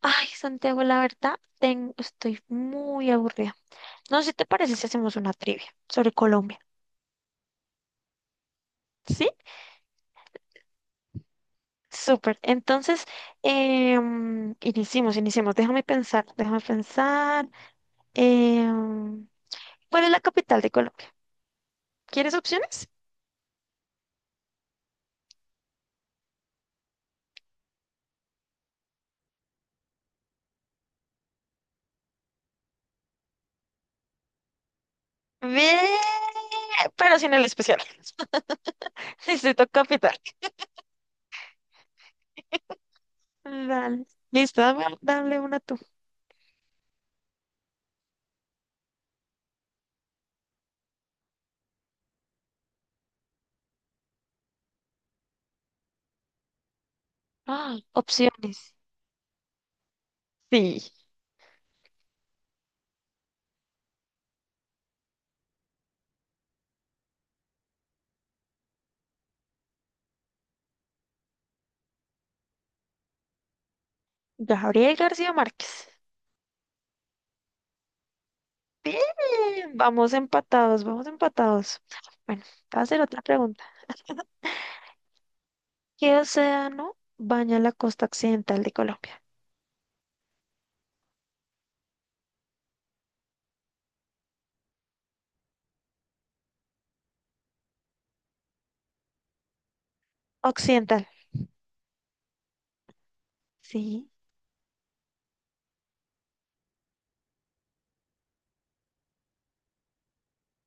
Ay, Santiago, la verdad, estoy muy aburrida. No sé si te parece si hacemos una trivia sobre Colombia. ¿Sí? Súper. Entonces, iniciemos, iniciemos. Déjame pensar, déjame pensar. Em, ¿Cuál es la capital de Colombia? ¿Quieres opciones? Ve, pero sin el especial. Necesito capital. Dale. Listo, dame, dale una tú. Ah, opciones. Sí. Gabriel García Márquez. Bien, vamos empatados, vamos empatados. Bueno, te voy a hacer otra pregunta. ¿Qué océano baña la costa occidental de Colombia? Occidental. Sí.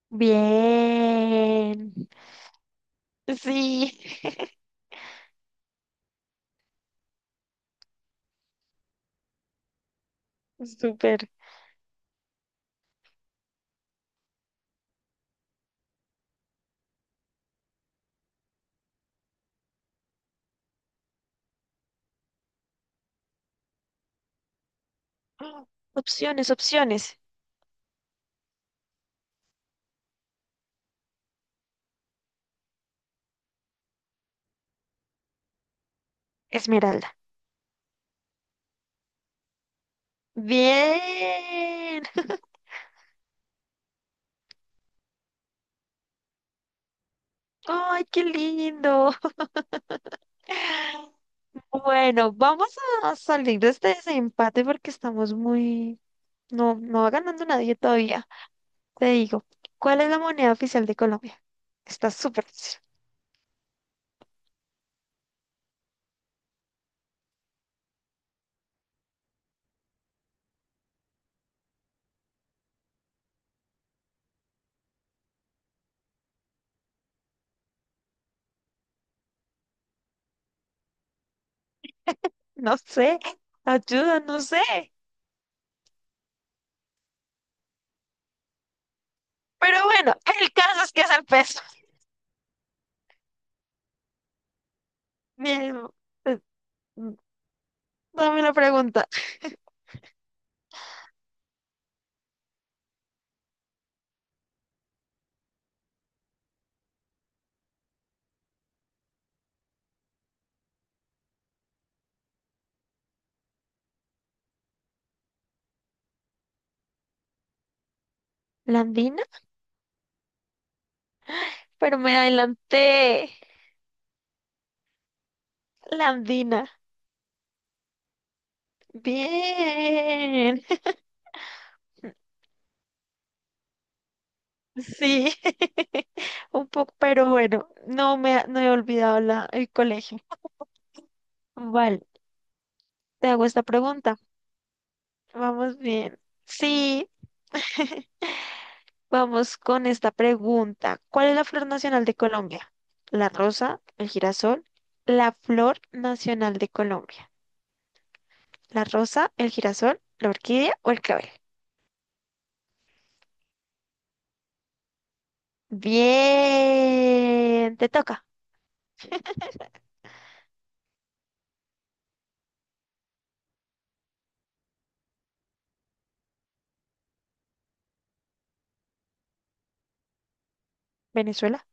Bien. Sí. Súper. Opciones, opciones. Esmeralda. Bien. Ay, qué lindo. Bueno, vamos a salir de este desempate porque estamos muy. No, no va ganando nadie todavía. Te digo, ¿cuál es la moneda oficial de Colombia? Está súper fácil. No sé, ayuda, no sé. Pero bueno, el caso es que es el peso. Bien, eh, dame la pregunta. ¿La andina? Pero me adelanté. La andina. Bien. Sí, un poco, pero bueno, no he olvidado el colegio. Vale, te hago esta pregunta. Vamos bien. Sí, vamos con esta pregunta. ¿Cuál es la flor nacional de Colombia? La rosa, el girasol, la flor nacional de Colombia. La rosa, el girasol, la orquídea o el clavel. Bien, te toca, Venezuela.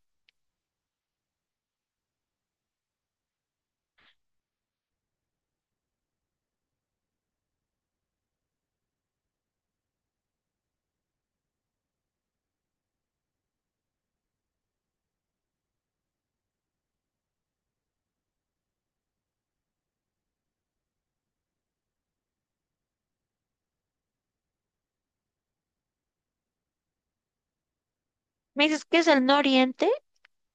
Me dices que es el nororiente,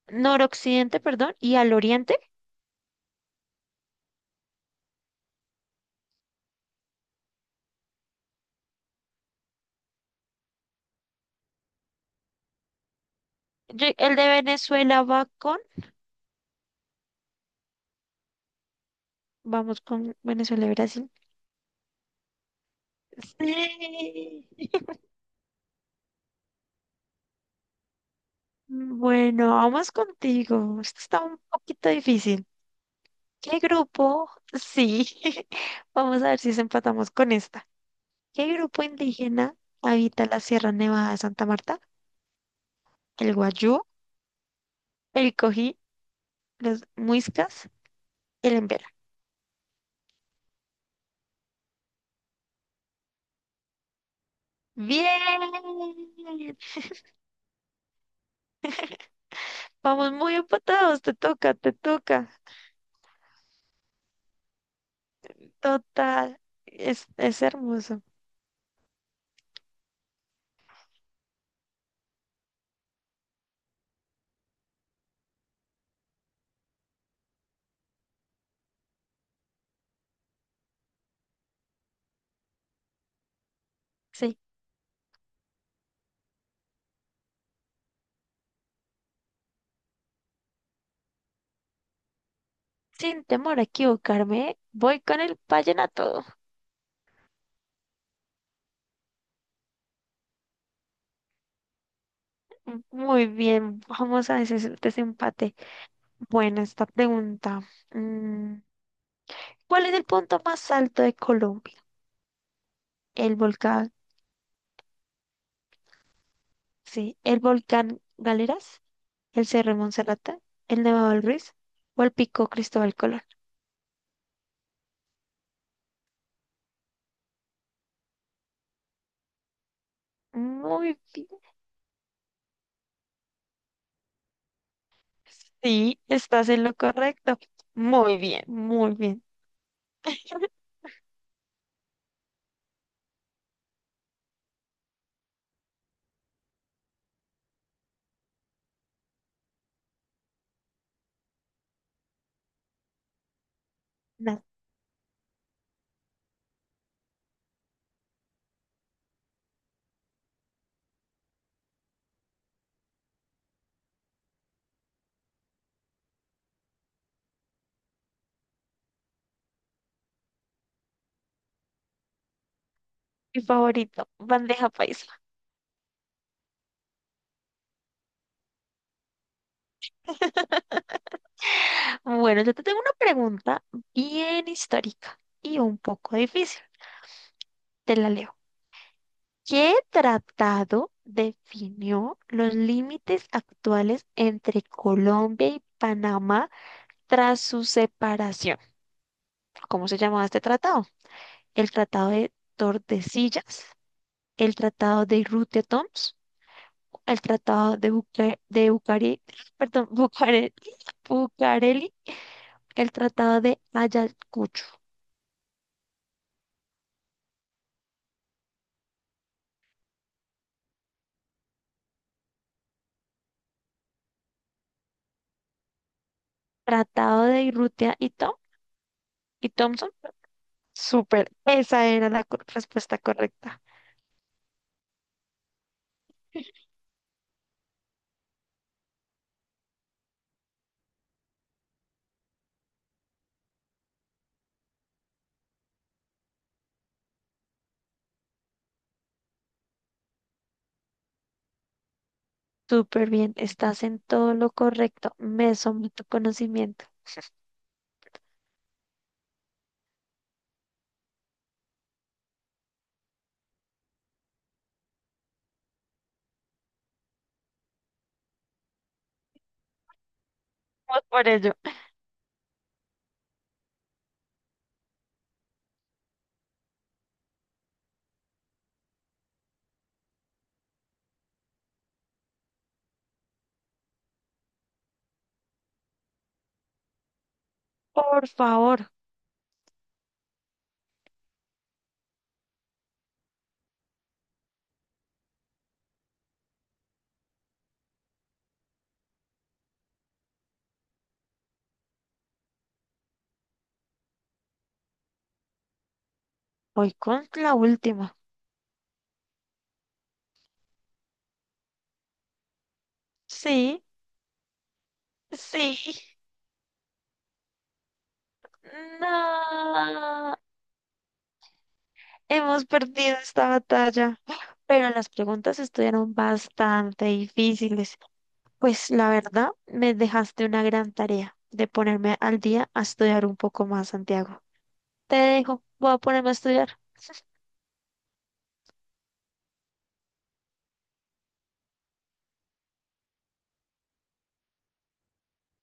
noroccidente, perdón, y al oriente. El de Venezuela vamos con Venezuela y Brasil. Sí. Bueno, vamos contigo. Esto está un poquito difícil. ¿Qué grupo? Sí, vamos a ver si se empatamos con esta. ¿Qué grupo indígena habita la Sierra Nevada de Santa Marta? ¿El Guayú, el Cojí, los Muiscas, el Embera? ¡Bien! Vamos muy empatados, te toca, te toca. Total, es hermoso. Sí, sin temor a equivocarme, voy con el vallenato. Muy bien, vamos a ese desempate. Bueno, esta pregunta. mm, ¿Cuál es el punto más alto de Colombia? El volcán, sí, el volcán Galeras, el Cerro de Monserrate, el Nevado del Ruiz o el Pico Cristóbal Colón. Muy bien. Sí, estás en lo correcto. Muy bien, muy bien. Nah, mi favorito, bandeja paisa. Bueno, yo te tengo una pregunta bien histórica y un poco difícil. Te la leo. ¿Qué tratado definió los límites actuales entre Colombia y Panamá tras su separación? ¿Cómo se llamaba este tratado? ¿El Tratado de Tordesillas? ¿El Tratado de Rutedoms? ¿El Tratado de perdón, Bucareli? ¿El Tratado de Ayacucho? ¿Tratado de Irrutia y Thompson? Súper, esa era la respuesta correcta. Súper bien, estás en todo lo correcto. Me someto a conocimiento. Vamos por ello. Por favor, voy con la última. Sí, sí. No, hemos perdido esta batalla. Pero las preguntas estuvieron bastante difíciles. Pues la verdad, me dejaste una gran tarea de ponerme al día a estudiar un poco más, Santiago. Te dejo, voy a ponerme a estudiar.